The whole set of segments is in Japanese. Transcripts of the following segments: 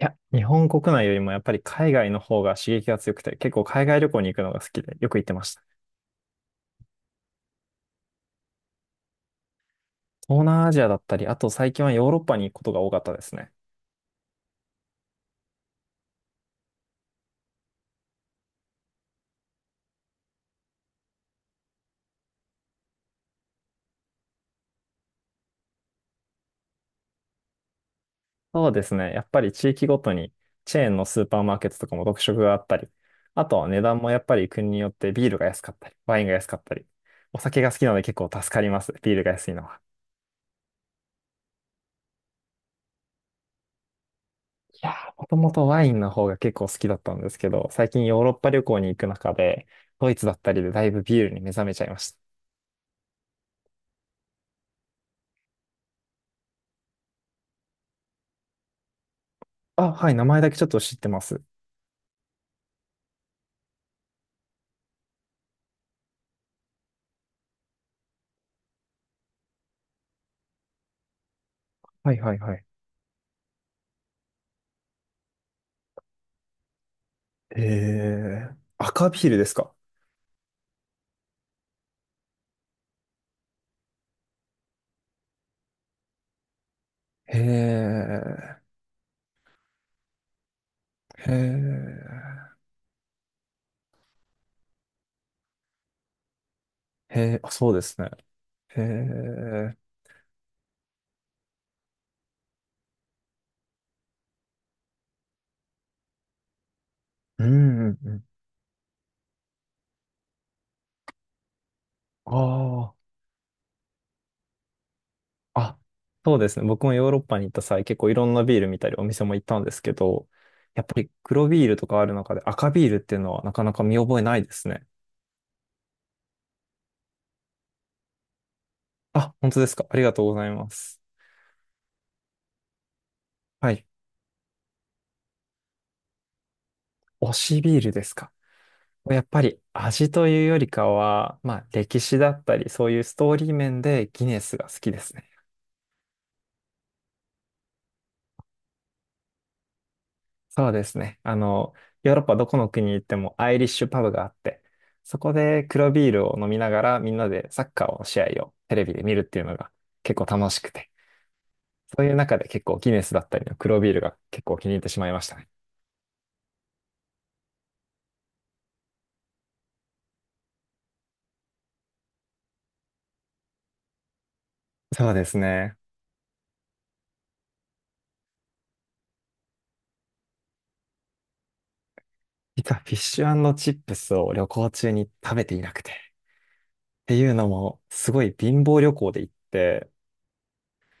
いや、日本国内よりもやっぱり海外の方が刺激が強くて、結構海外旅行に行くのが好きで、よく行ってました。東南アジアだったり、あと最近はヨーロッパに行くことが多かったですね。そうですね。やっぱり地域ごとにチェーンのスーパーマーケットとかも特色があったり、あとは値段もやっぱり国によってビールが安かったり、ワインが安かったり、お酒が好きなので結構助かります。ビールが安いのは。いやー、もともとワインの方が結構好きだったんですけど、最近ヨーロッパ旅行に行く中で、ドイツだったりでだいぶビールに目覚めちゃいました。あ、はい、名前だけちょっと知ってます。はいはいはい。えー、赤ビールですか？へえ、へえ、へえ、あ、そうですね。へえ、うん、うん、うん。ああ、あ、そうですね。僕もヨーロッパに行った際、結構いろんなビール見たりお店も行ったんですけど、やっぱり黒ビールとかある中で赤ビールっていうのはなかなか見覚えないですね。あ、本当ですか。ありがとうございます。はい。推しビールですか？やっぱり味というよりかは、まあ歴史だったり、そういうストーリー面でギネスが好きですね。そうですね。ヨーロッパどこの国に行ってもアイリッシュパブがあって、そこで黒ビールを飲みながらみんなでサッカーの試合をテレビで見るっていうのが結構楽しくて、そういう中で結構ギネスだったりの黒ビールが結構気に入ってしまいましたね。そうですね。実はフィッシュチップスを旅行中に食べていなくて、っていうのもすごい貧乏旅行で行って、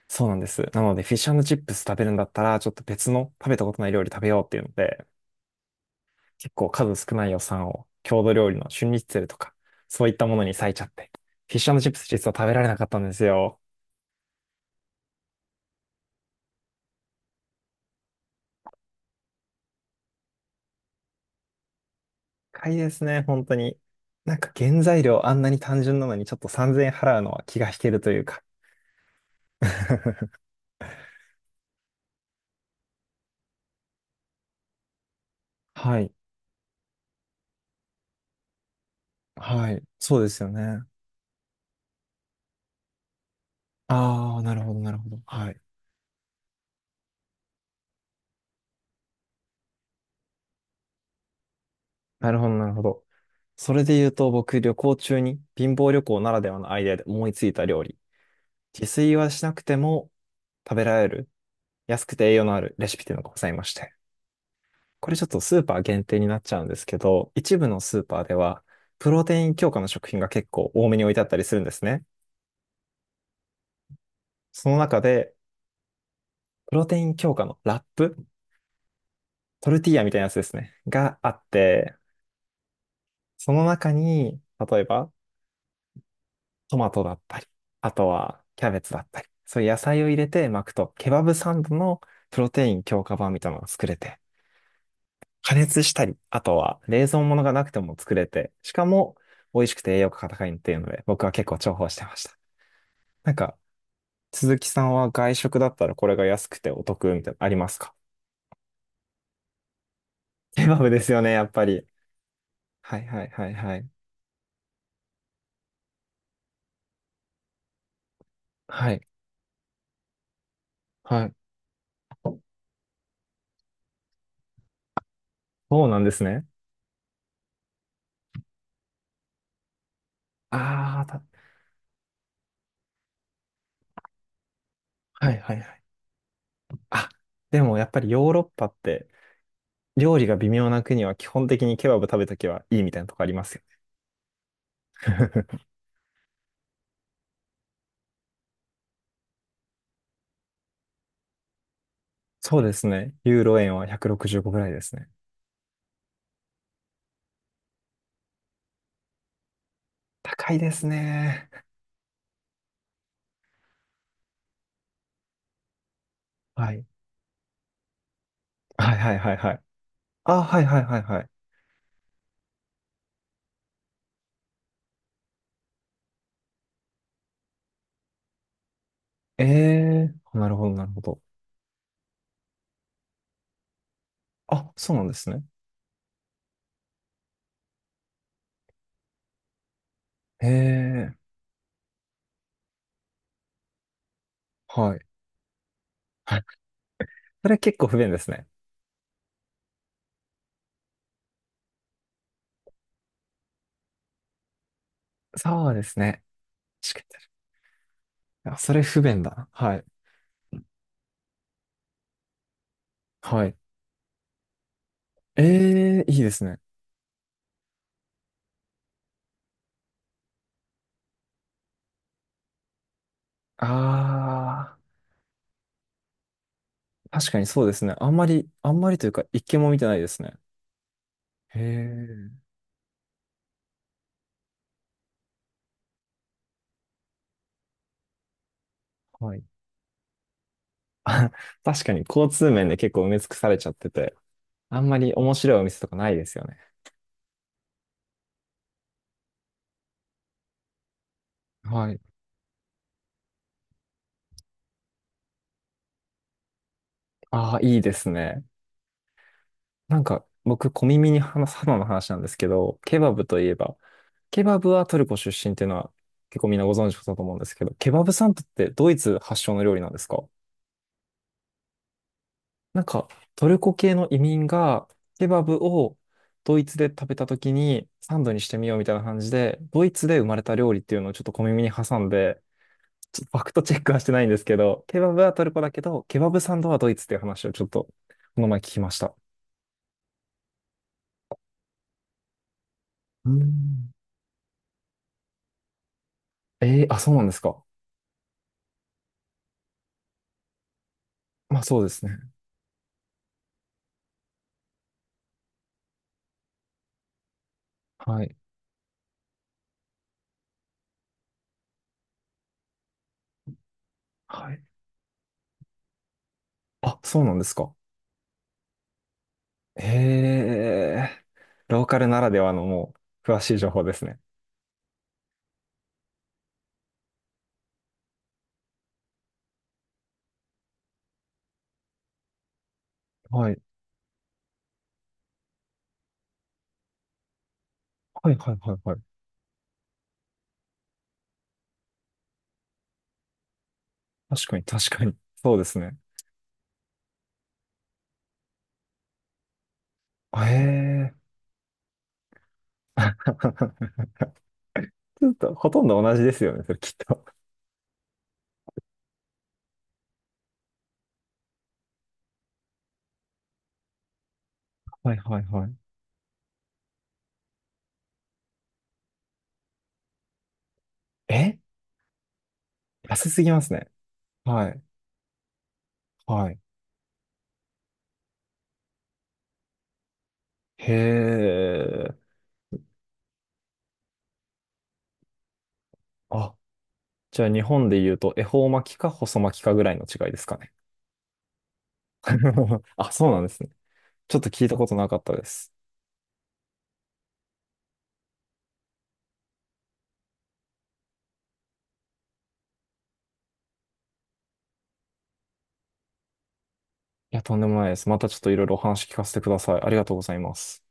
そうなんです。なので、フィッシュチップス食べるんだったら、ちょっと別の食べたことない料理食べようっていうので、結構数少ない予算を郷土料理の春日ツェルとか、そういったものに割いちゃって、フィッシュチップス実は食べられなかったんですよ。高いですね、本当に。なんか原材料あんなに単純なのにちょっと3000円払うのは気が引けるというか。はい。はい。そうですよね。ああ、なるほど、なるほど。はい。なるほど、なるほど。それで言うと、僕、旅行中に貧乏旅行ならではのアイデアで思いついた料理自炊はしなくても食べられる安くて栄養のあるレシピっていうのがございまして。これちょっとスーパー限定になっちゃうんですけど、一部のスーパーではプロテイン強化の食品が結構多めに置いてあったりするんですね。その中でプロテイン強化のラップ、トルティーヤみたいなやつですね、があって、その中に例えばトマトだったり、あとはキャベツだったり、そういう野菜を入れて巻くとケバブサンドのプロテイン強化版みたいなのが作れて、加熱したり、あとは冷蔵物がなくても作れて、しかも美味しくて栄養価が高いっていうので、僕は結構重宝してました。なんか、鈴木さんは外食だったらこれが安くてお得みたいなのありますか？ケバブですよね、やっぱり。はいはいはいはい。はい。はい。そうなんですね。ああ、はいはいはい。あ、でもやっぱりヨーロッパって料理が微妙な国は基本的にケバブ食べときはいいみたいなとこありますよね。そうですね。ユーロ円は165ぐらいですね。高いですね。はい。はいはいはいはい。あ、はいはいはいはい。ええー、なるほどなるほど。あ、そうなんですね。ええー、はい。はい。それ結構不便ですね。そうですね。しかてる。あ、それ不便だな。はい。はい。ええー、いいですね。ああ、確かにそうですね。あんまり、あんまりというか、一件も見てないですね。へえ、はい。あ、確かに交通面で結構埋め尽くされちゃってて、あんまり面白いお店とかないですよね。はい。ああ、いいですね。なんか、僕、小耳に話す花の話なんですけど、ケバブといえば、ケバブはトルコ出身っていうのは結構みんなご存知だと思うんですけど、ケバブサンドってドイツ発祥の料理なんですか？なんか、トルコ系の移民がケバブをドイツで食べた時にサンドにしてみようみたいな感じで、ドイツで生まれた料理っていうのをちょっと小耳に挟んで、ちょっとファクトチェックはしてないんですけど、ケバブはトルコだけど、ケバブサンドはドイツっていう話をちょっとこの前聞きました。うーん、えー、あ、そうなんですか。まあそうですね。はい。はい。あ、そうなんですか。へえ。ローカルならではのもう、詳しい情報ですね。はい。はい、はい、はい、はい。確かに、確かに。そうですね。へえ。ちょっと、ほとんど同じですよね、それきっと。はい、はい、はい。え、安すぎますね。はい、はい。へえ。あ、じゃあ日本で言うと、恵方巻きか細巻きかぐらいの違いですかね。あ、そうなんですね。ちょっと聞いたことなかったです。いや、とんでもないです。またちょっといろいろお話聞かせてください。ありがとうございます。